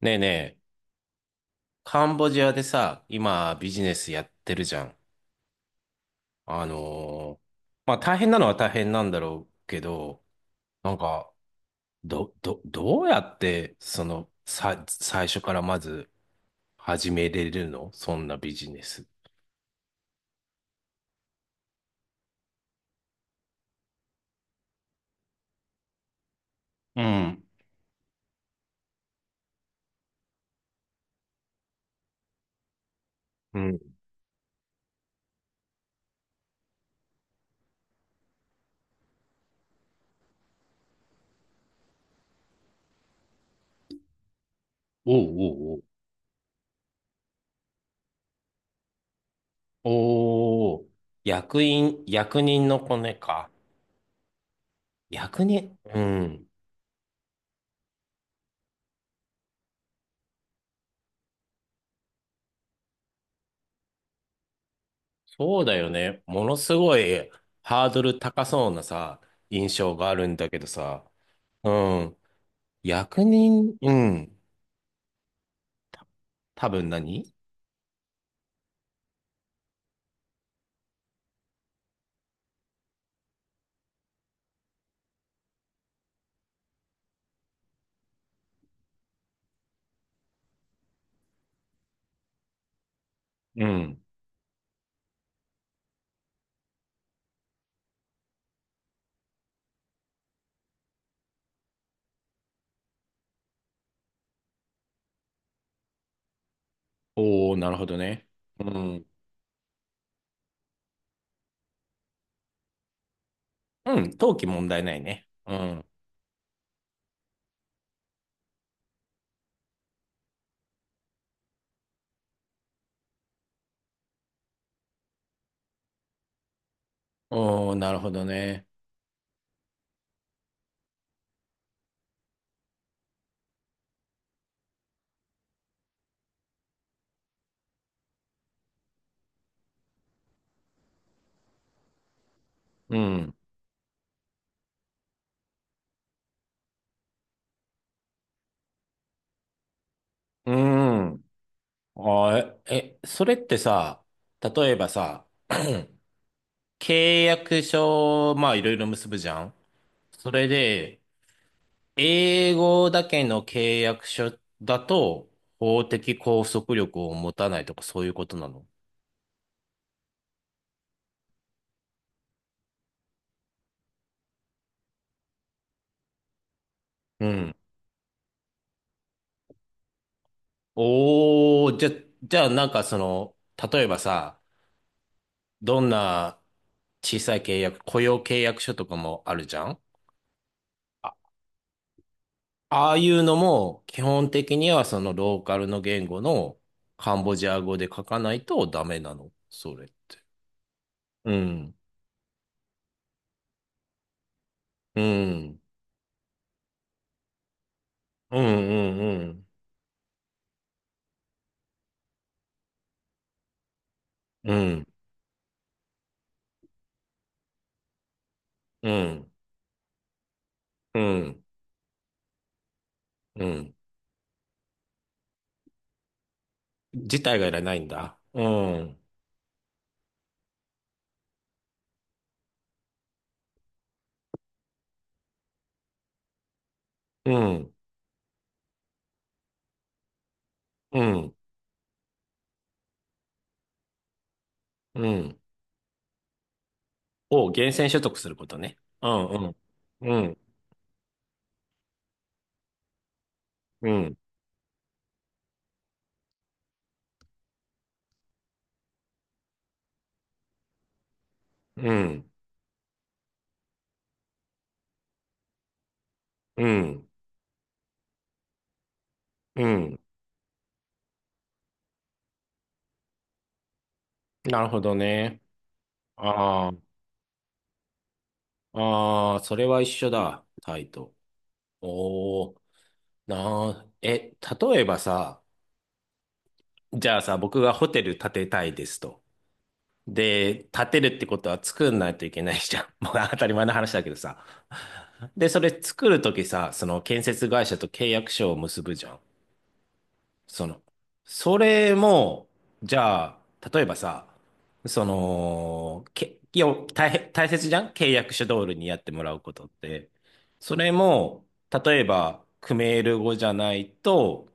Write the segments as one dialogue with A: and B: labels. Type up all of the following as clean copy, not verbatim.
A: ねえねえ、カンボジアでさ、今ビジネスやってるじゃん。あのーまあ大変なのは大変なんだろうけど、なんか、どうやって、その、さ、最初からまず始めれるのそんなビジネス。うん。うん。おうおうおう。おー。役員、役人のコネか。役人、うん。そうだよね。ものすごいハードル高そうなさ、印象があるんだけどさ、うん。役人、うん。多分何うん。おー、なるほどね。うん。うん。登記問題ないね。うん。おー、なるほどね。うん。うん。あー、それってさ、例えばさ、契約書、まあいろいろ結ぶじゃん。それで、英語だけの契約書だと、法的拘束力を持たないとかそういうことなのうん。おー、じゃ、じゃあなんかその、例えばさ、どんな小さい契約、雇用契約書とかもあるじゃんあ、ああいうのも基本的にはそのローカルの言語のカンボジア語で書かないとダメなの、それって。うん、うん、うん、うん、うん、うん、うん、うん。自体がいらないんだ。うん、うん、うん、うん。を厳選所得することね。うん、うん。うん、うん。うん、うん、うん。なるほどね。ああ、ああ、それは一緒だ、タイと。おお、なあ、え、例えばさ、じゃあさ、僕がホテル建てたいですと。で、建てるってことは作んないといけないじゃん。もう当たり前の話だけどさ。で、それ作るときさ、その建設会社と契約書を結ぶじゃん。その、それも、じゃあ、例えばさ、その、いや、大切じゃん契約書通りにやってもらうことって。それも、例えば、クメール語じゃないと、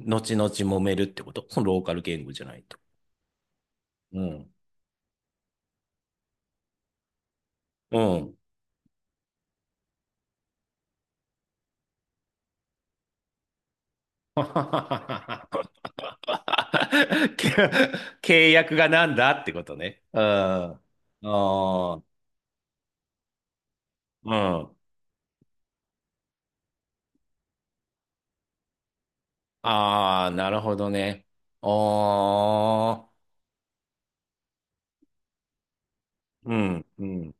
A: 後々揉めるってことそのローカル言語じゃないと。うん。うん。け契約がなんだってことね。うん。ああ、うん。ああ、なるほどね。ああ、うん、うん、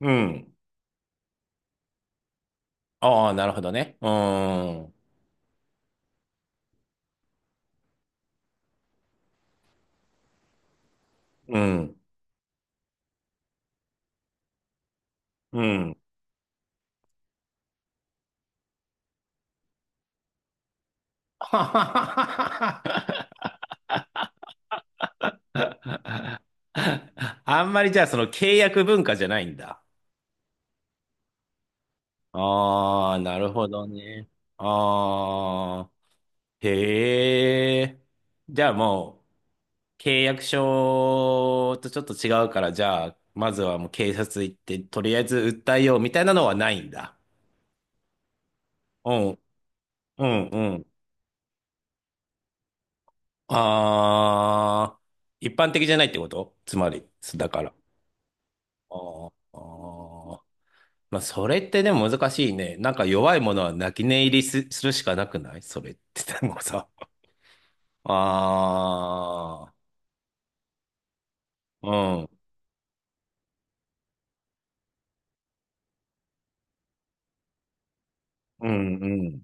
A: うん。ああ、なるほどね。うーん、うん、うん。はははははあんまりじゃあその契約文化じゃないんだ。ああ、なるほどね。ああ、へえ。じゃあもう契約書とちょっと違うから、じゃあまずはもう警察行ってとりあえず訴えようみたいなのはないんだ。うん、うん、うん。ああ、一般的じゃないってことつまり、だから。あーあー、まあ、それってでも難しいね。なんか弱いものは泣き寝入りするしかなくないそれって、でもさ。ああ、うん、うん、うん、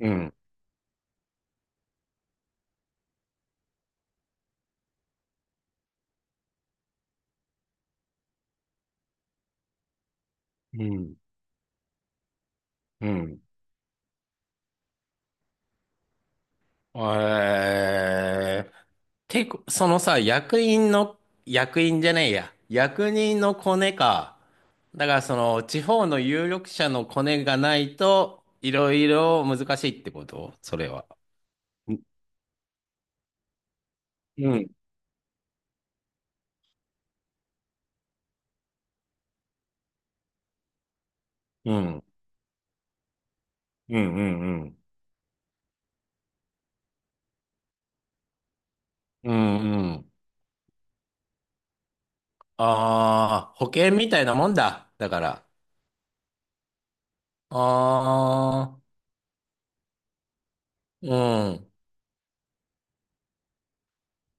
A: うん、うん、うん。えー、てこ、そのさ、役員の、役員じゃねえや。役人のコネか。だからその、地方の有力者のコネがないと、いろいろ難しいってことそれは。ううん。うん。うん。うん。うん。うん。ああー、保険みたいなもんだ。だから。ああ、うん。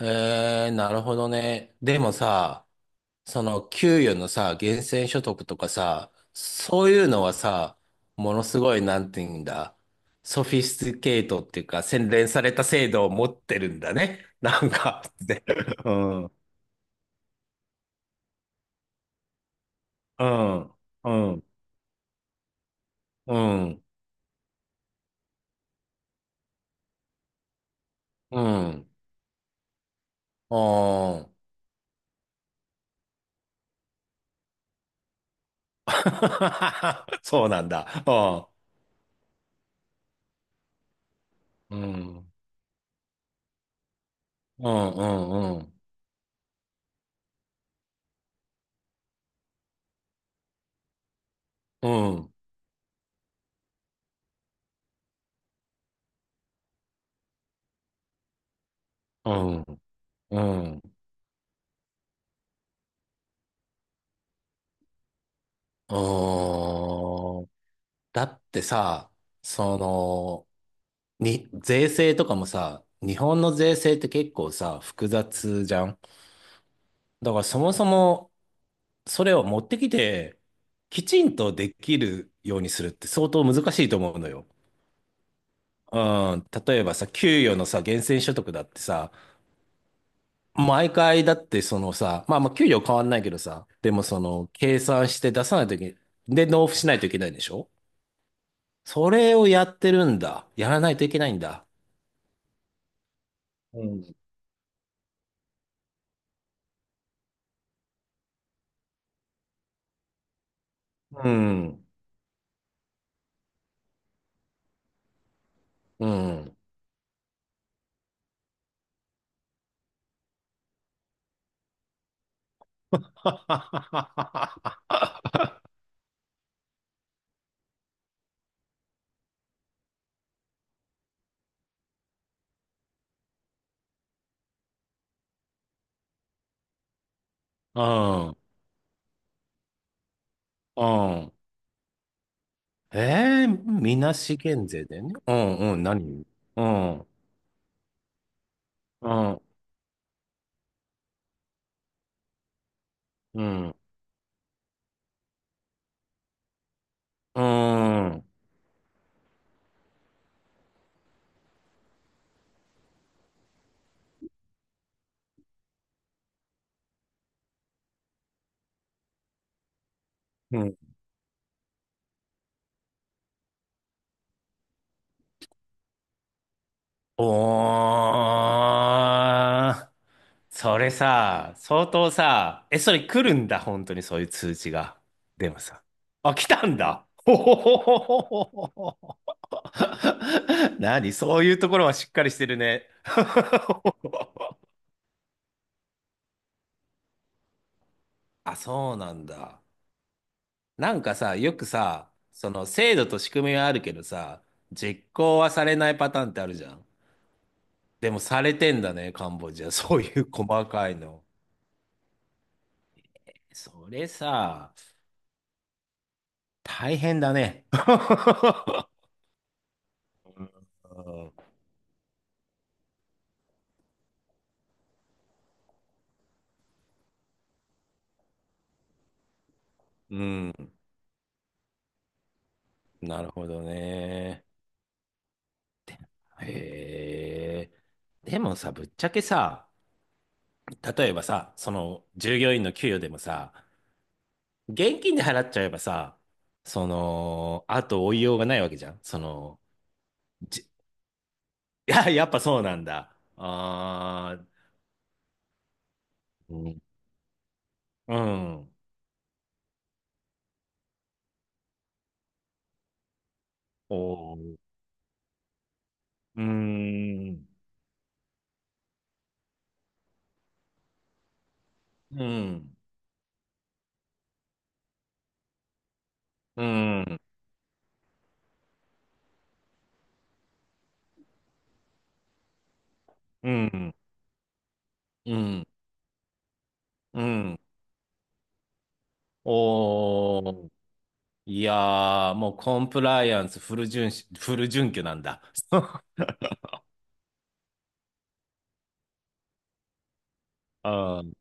A: えー、なるほどね。でもさ、その給与のさ、源泉所得とかさ、そういうのはさ、ものすごい、なんて言うんだ、ソフィスティケートっていうか、洗練された制度を持ってるんだね。なんか、で、うん、うん、うん、うん、うん、うん。そうなんだ。うん、うん、うん、うん、うん、うん、うん、うん。うんだってさ、その、に、税制とかもさ、日本の税制って結構さ、複雑じゃん。だからそもそも、それを持ってきて、きちんとできるようにするって相当難しいと思うのよ。うん、例えばさ、給与のさ、源泉所得だってさ、毎回だってそのさ、まあまあ給料変わんないけどさ、でもその、計算して出さないといけ、で、納付しないといけないでしょそれをやってるんだ。やらないといけないんだ。うんうん、うん。ははははは。うん、うん。ええみなし減税だよね。うん、うん、何うん、うん、うん、うん、うん。おー、それさ、相当さ、え、それ来るんだ、本当にそういう通知が。でもさ、あ、来たんだ。ほほほほほほほ。何そういうところはしっかりしてるね。あ、そうなんだ。なんかさ、よくさ、その制度と仕組みはあるけどさ、実行はされないパターンってあるじゃん。でもされてんだね、カンボジア。そういう細かいの。それさ、大変だね。うん、なるほどね。へえ。でもさ、ぶっちゃけさ、例えばさ、その従業員の給与でもさ、現金で払っちゃえばさ、その、あと追いようがないわけじゃん。その、じいや、やっぱそうなんだ。あーうん、あ、うん。おーうーん、うん、うん、うん、うん、うん。おー、いやー、もうコンプライアンスフル遵守、フル準拠なんだ。うん、あー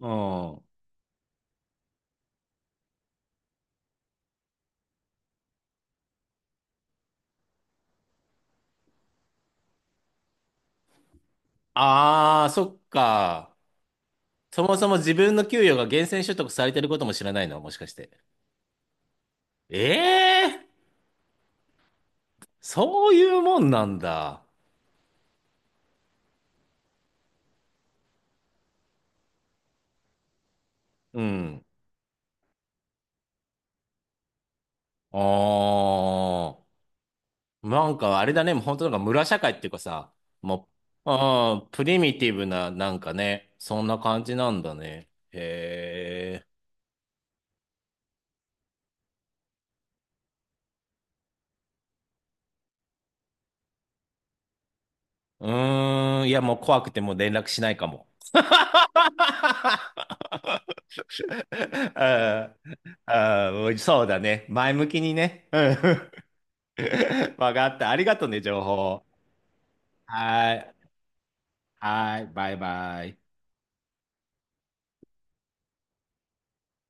A: うん。あー、そっか。そもそも自分の給与が源泉所得されてることも知らないの、もしかして。ええー、そういうもんなんだ。うん。ああ、なんかあれだね、もう本当なんか村社会っていうかさ、もう、ああ、プリミティブな、なんかね、そんな感じなんだね。へえ。うーん、いやもう怖くてもう連絡しないかも。ああ、ああもうそうだね。前向きにね。うん。わかった。ありがとうね、情報。はい。はい。バイバイ。